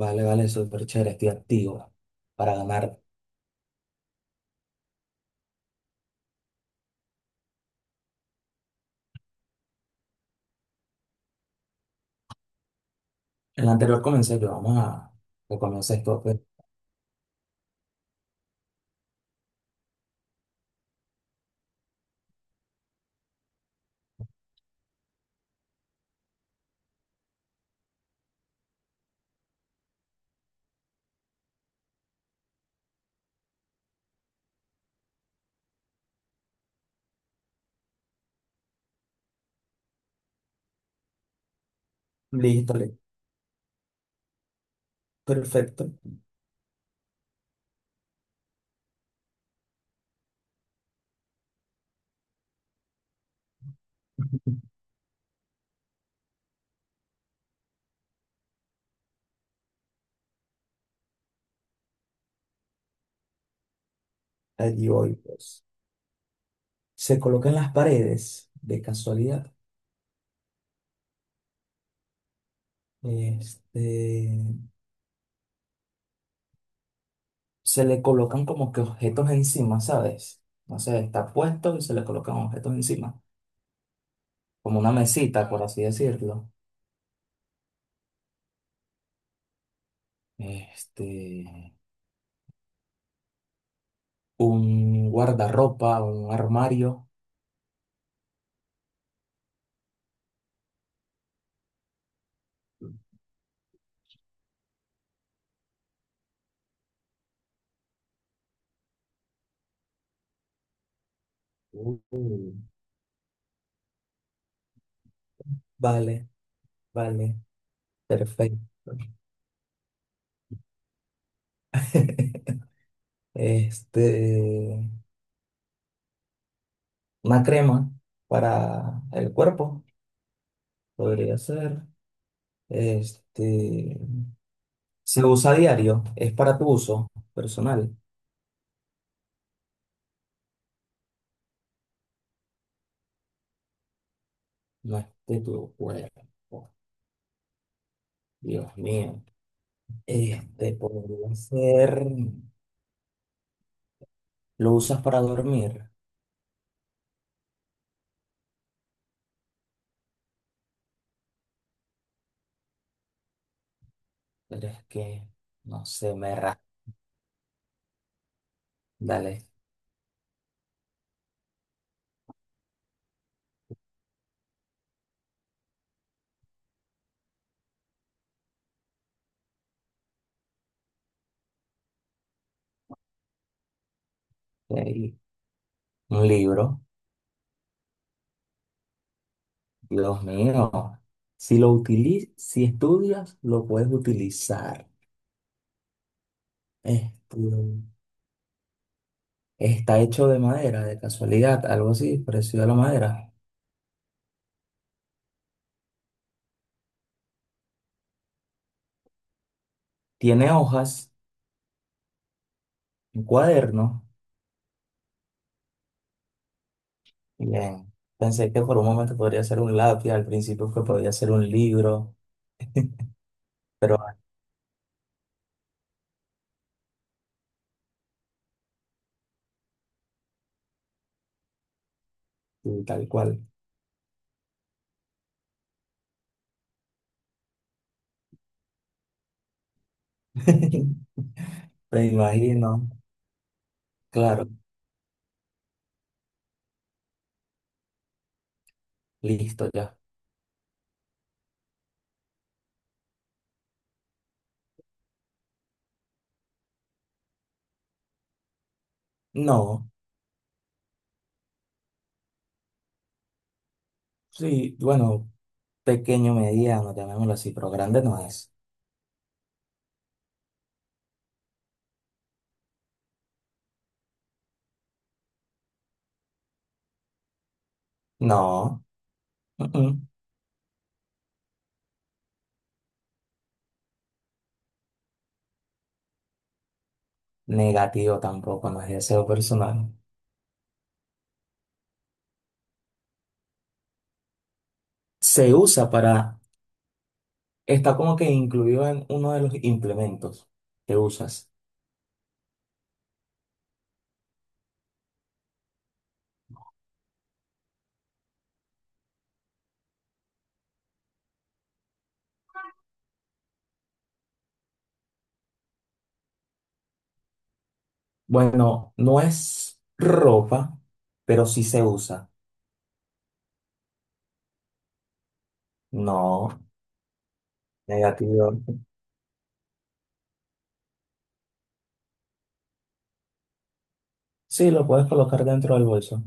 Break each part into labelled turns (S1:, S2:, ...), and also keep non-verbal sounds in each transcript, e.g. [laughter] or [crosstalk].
S1: Vale, vale, súper chévere, estoy activo para ganar. En la anterior comencé yo, vamos a comenzar esto, pues. Listo, listo, perfecto. [laughs] Allí voy, pues. Se colocan las paredes, de casualidad. Este, Se le colocan como que objetos encima, ¿sabes? No sé, está puesto y se le colocan objetos encima. Como una mesita, por así decirlo. Este, un guardarropa, un armario. Uh, vale, vale. Perfecto. [laughs] Este, una crema para el cuerpo, podría ser. Este, se usa a diario, es para tu uso personal, no es de tu cuerpo. Dios mío. Este, podría ser. Lo usas para dormir, pero es no sé, me ra. Dale. Ahí. Un libro, Dios mío. Si lo utilizas, si estudias, lo puedes utilizar. Este, está hecho de madera, de casualidad, algo así, parecido a la madera. Tiene hojas, un cuaderno. Bien, pensé que por un momento podría ser un lápiz, al principio que podría ser un libro, pero así, tal cual. [laughs] Me imagino. Claro, listo ya. No, sí, bueno, pequeño, mediano, llamémoslo así, pero grande no es. No, mm, mm. Negativo tampoco, no es deseo personal. Se usa para, está como que incluido en uno de los implementos que usas. Bueno, no es ropa, pero sí se usa. No, negativo. Sí, lo puedes colocar dentro del bolso.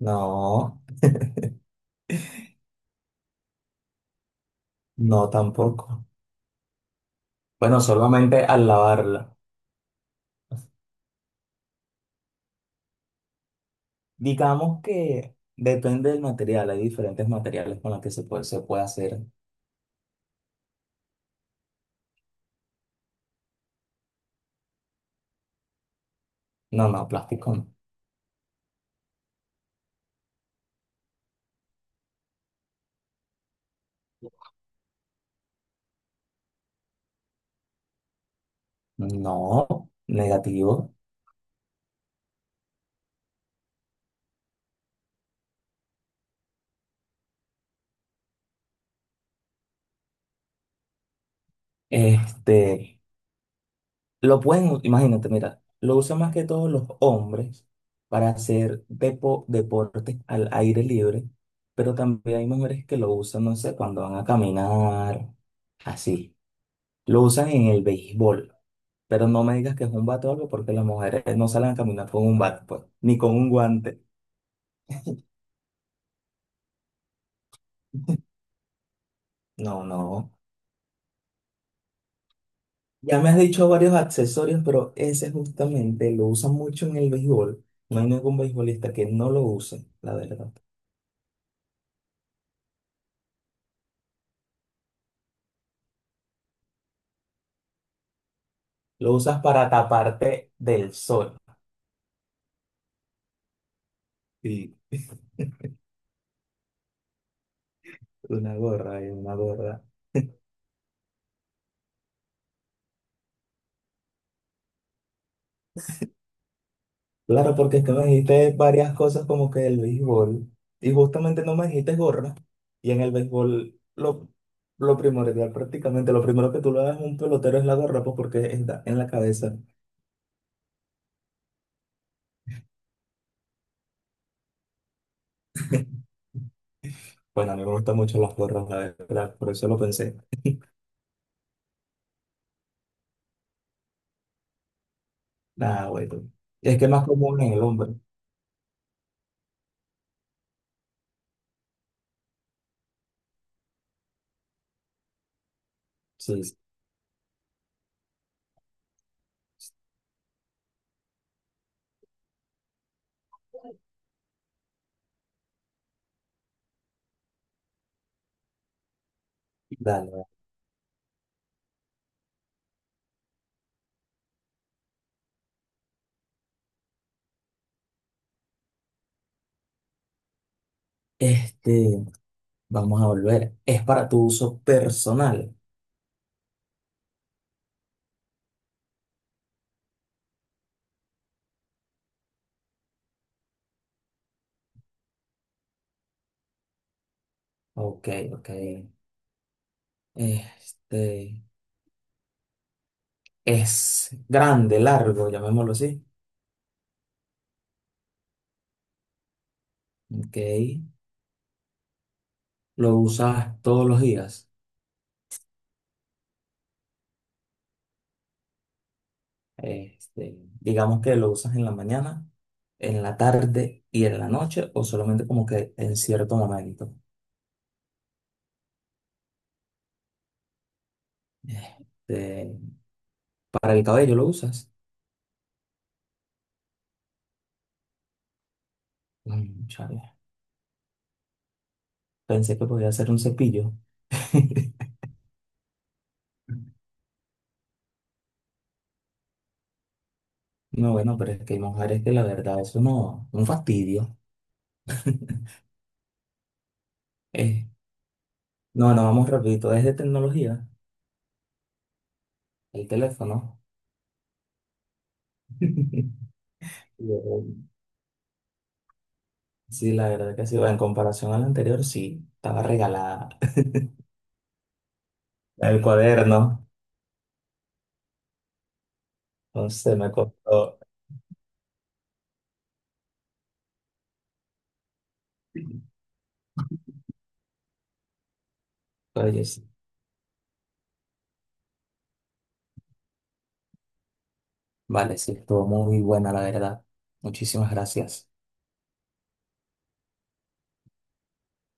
S1: No, no tampoco. Bueno, solamente al lavarla. Digamos que depende del material. Hay diferentes materiales con los que se puede hacer. No, no, plástico no. No, negativo. Este. Imagínate, mira, lo usan más que todos los hombres para hacer deportes al aire libre, pero también hay mujeres que lo usan, no sé, cuando van a caminar, así. Lo usan en el béisbol, pero no me digas que es un bate o algo porque las mujeres no salen a caminar con un bate, pues, ni con un guante. No, no. Ya me has dicho varios accesorios, pero ese justamente lo usan mucho en el béisbol. No hay ningún beisbolista que no lo use, la verdad. Lo usas para taparte del sol. Sí, una gorra y una gorra. Claro, porque es que me dijiste varias cosas como que el béisbol. Y justamente no me dijiste gorra. Y en el béisbol, lo primordial prácticamente, lo primero que tú le das a un pelotero es la gorra, pues porque está en la cabeza. Bueno, a mí me gustan mucho las gorras, la verdad. Por eso lo pensé. Nada, bueno. Es que es más común en el hombre. Sí, sí. Sí. Dale. Dale. Este, vamos a volver. Es para tu uso personal. Ok, ok. Este es grande, largo, llamémoslo así. Ok. Lo usas todos los días. Digamos que lo usas en la mañana, en la tarde y en la noche, o solamente como que en cierto momento. Este, para el cabello lo usas. Mm, chale. Pensé que podía ser un cepillo. [laughs] No, bueno, pero es que hay mujeres que la verdad eso no, un fastidio. [laughs] Eh, no, no, vamos rapidito. Es de tecnología. El teléfono. [laughs] Yo, sí, la verdad que sí. Bueno En comparación al anterior, sí, estaba regalada. El cuaderno. Entonces me costó. Oye, sí. Vale, sí, estuvo muy buena, la verdad. Muchísimas gracias.